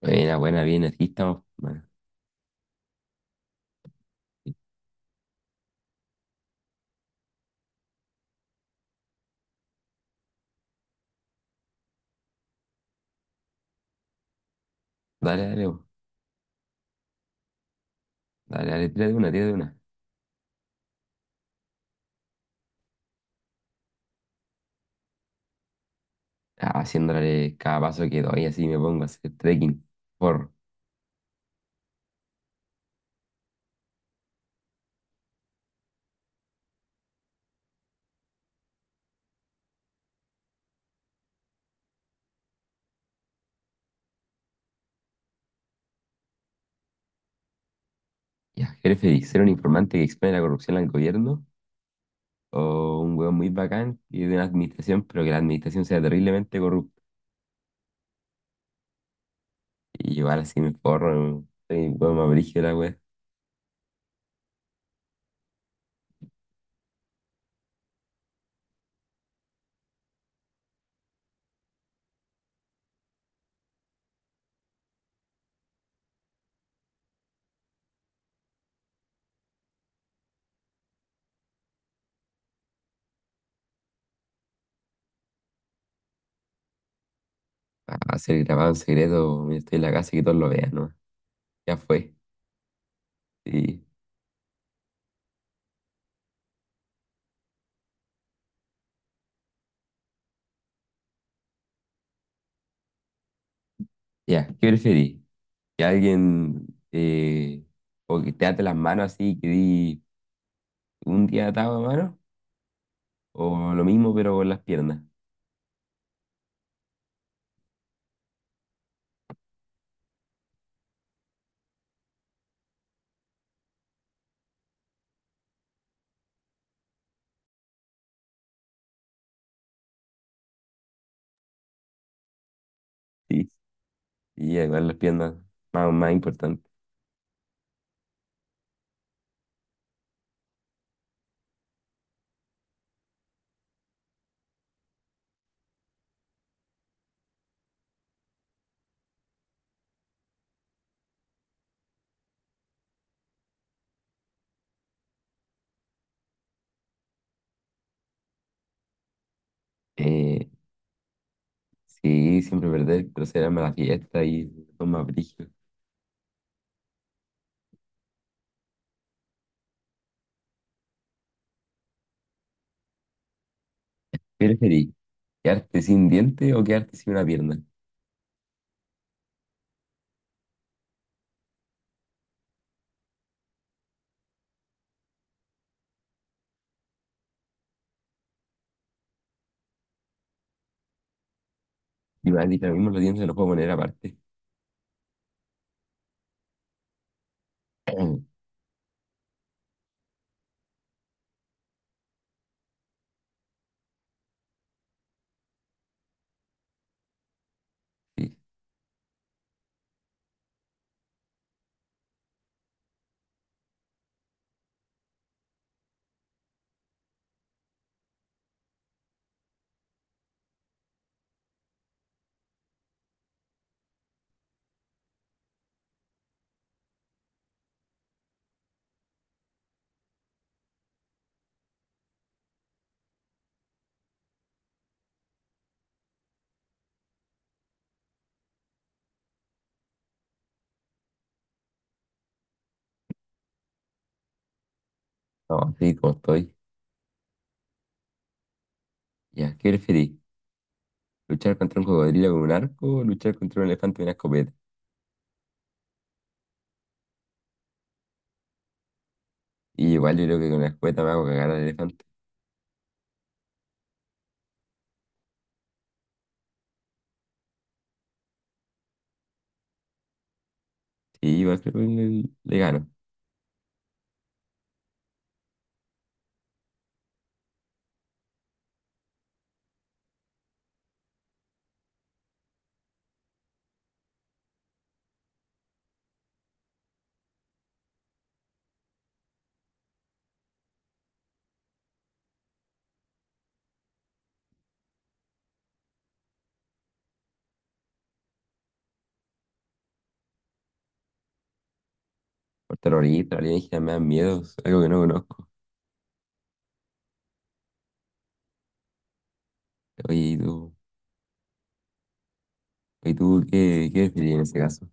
Buena, buena, bien, aquí estamos. Bueno, dale, dale, vos. Dale, dale, tira de una, tira de una. Ah, haciéndole cada paso que doy, así me pongo a hacer trekking. Por, ¿Ya, jefe, feliz? ¿Ser un informante que expone la corrupción al gobierno? ¿O un hueón muy bacán y de una administración, pero que la administración sea terriblemente corrupta? Y igual así me forro, soy un hueón más brígido la wea. A ser grabado en secreto, mira, estoy en la casa y que todos lo vean, ¿no? Ya fue. Sí. Ya, ¿qué preferís? ¿Que alguien o que te ate las manos así, que di un día atado a mano, o lo mismo pero con las piernas? Sí, y igual las piernas, más, más importante. Eh, sí, siempre perder, pero será mala fiesta y son más brígidos. ¿Qué preferís? ¿Quedarte sin diente o quedarte sin una pierna? Y me han dicho lo mismo, los dientes los puedo poner aparte. Sí, no, sí, como estoy. Ya, ¿qué preferís? ¿Luchar contra un cocodrilo con un arco o luchar contra un elefante con una escopeta? Y igual yo creo que con la escueta me hago cagar al elefante. Sí, igual creo que le gano. Por terrorista, alienígena, me dan miedos, algo que no conozco. Oye, ¿y tú qué preferís en ese caso?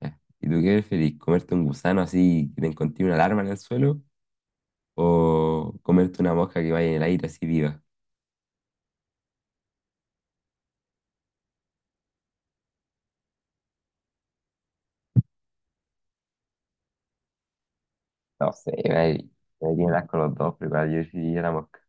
Ya. ¿Y tú qué preferís? ¿Comerte un gusano así que te encontré una alarma en el suelo? ¿O comerte una mosca que vaya en el aire así viva? No sé, me tienen asco los dos, pero igual yo preferiría la mosca.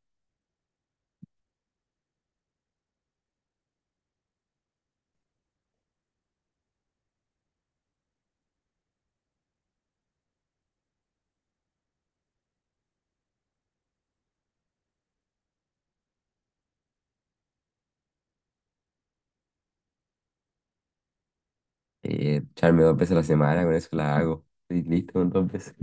Echarme dos veces a la semana, con eso la hago. Estoy listo con dos veces.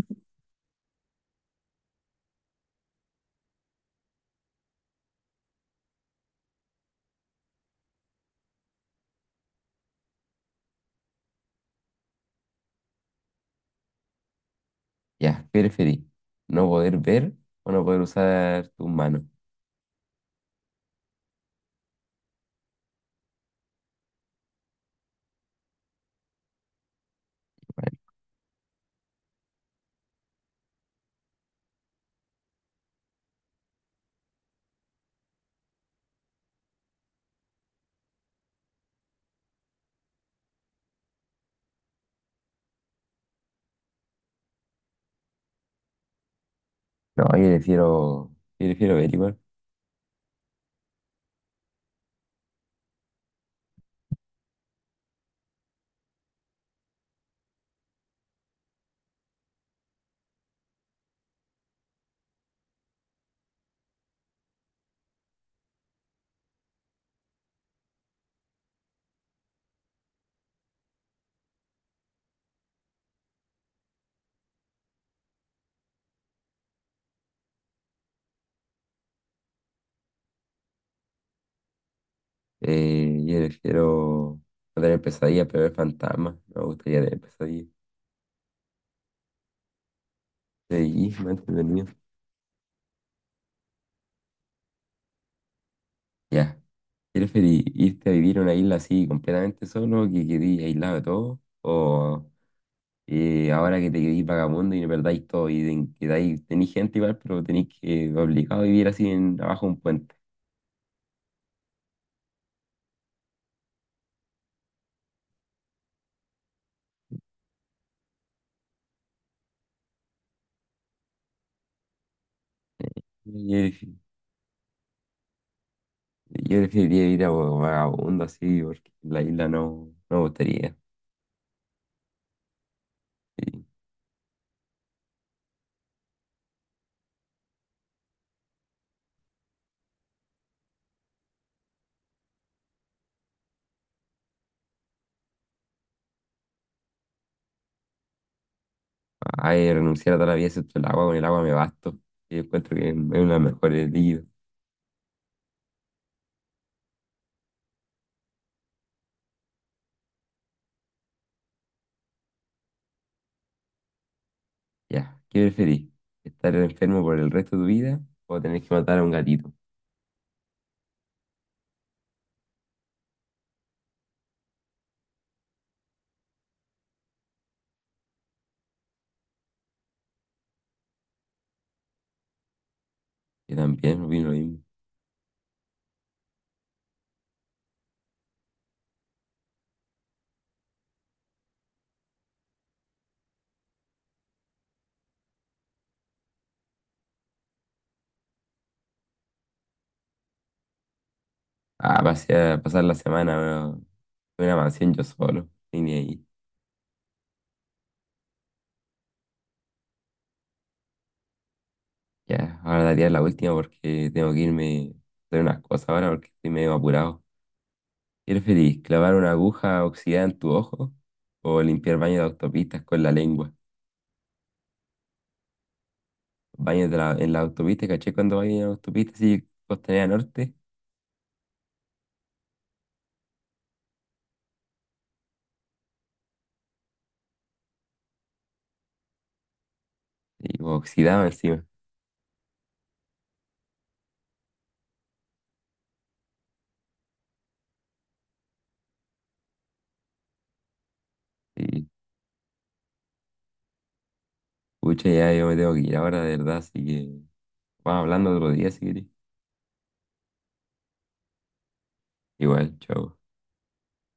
Ya, ¿qué preferís? ¿No poder ver o no poder usar tus manos? No, yo prefiero, yo prefiero ver igual. Yo prefiero no tener pesadillas, pero ver fantasmas. Me gustaría tener pesadillas. Sí, más entretenido. Ya. ¿Quieres irte a vivir a una isla así completamente solo, que quedís aislado de todo? ¿O ahora que te quedís vagabundo y no perdáis todo y tenéis gente igual, pero tenéis que obligado a vivir así en, abajo de un puente? Yo, prefi- yo preferiría ir a vagabundo así, porque en la isla no, no me gustaría. Sí. Ay, renunciar a toda la vida excepto el agua, con el agua me basto. Y encuentro que es uno de los mejores líquidos. Ya, ¿qué preferís? ¿Estar enfermo por el resto de tu vida o tener que matar a un gatito? Yo también opino lo mismo. Ah, pasar la semana bueno, en una mansión yo solo, y ni ahí. Ya, ahora daría la última porque tengo que irme a hacer unas cosas ahora porque estoy medio apurado. ¿Qué preferís? ¿Clavar una aguja oxidada en tu ojo o limpiar baño de autopistas con la lengua? Baños en la autopista, caché cuando baño en la autopista, sí, costanera norte, y pues, oxidado encima. Y pucha, ya yo me tengo que ir ahora, de verdad, así que vamos hablando otro día si querés. Igual, chao.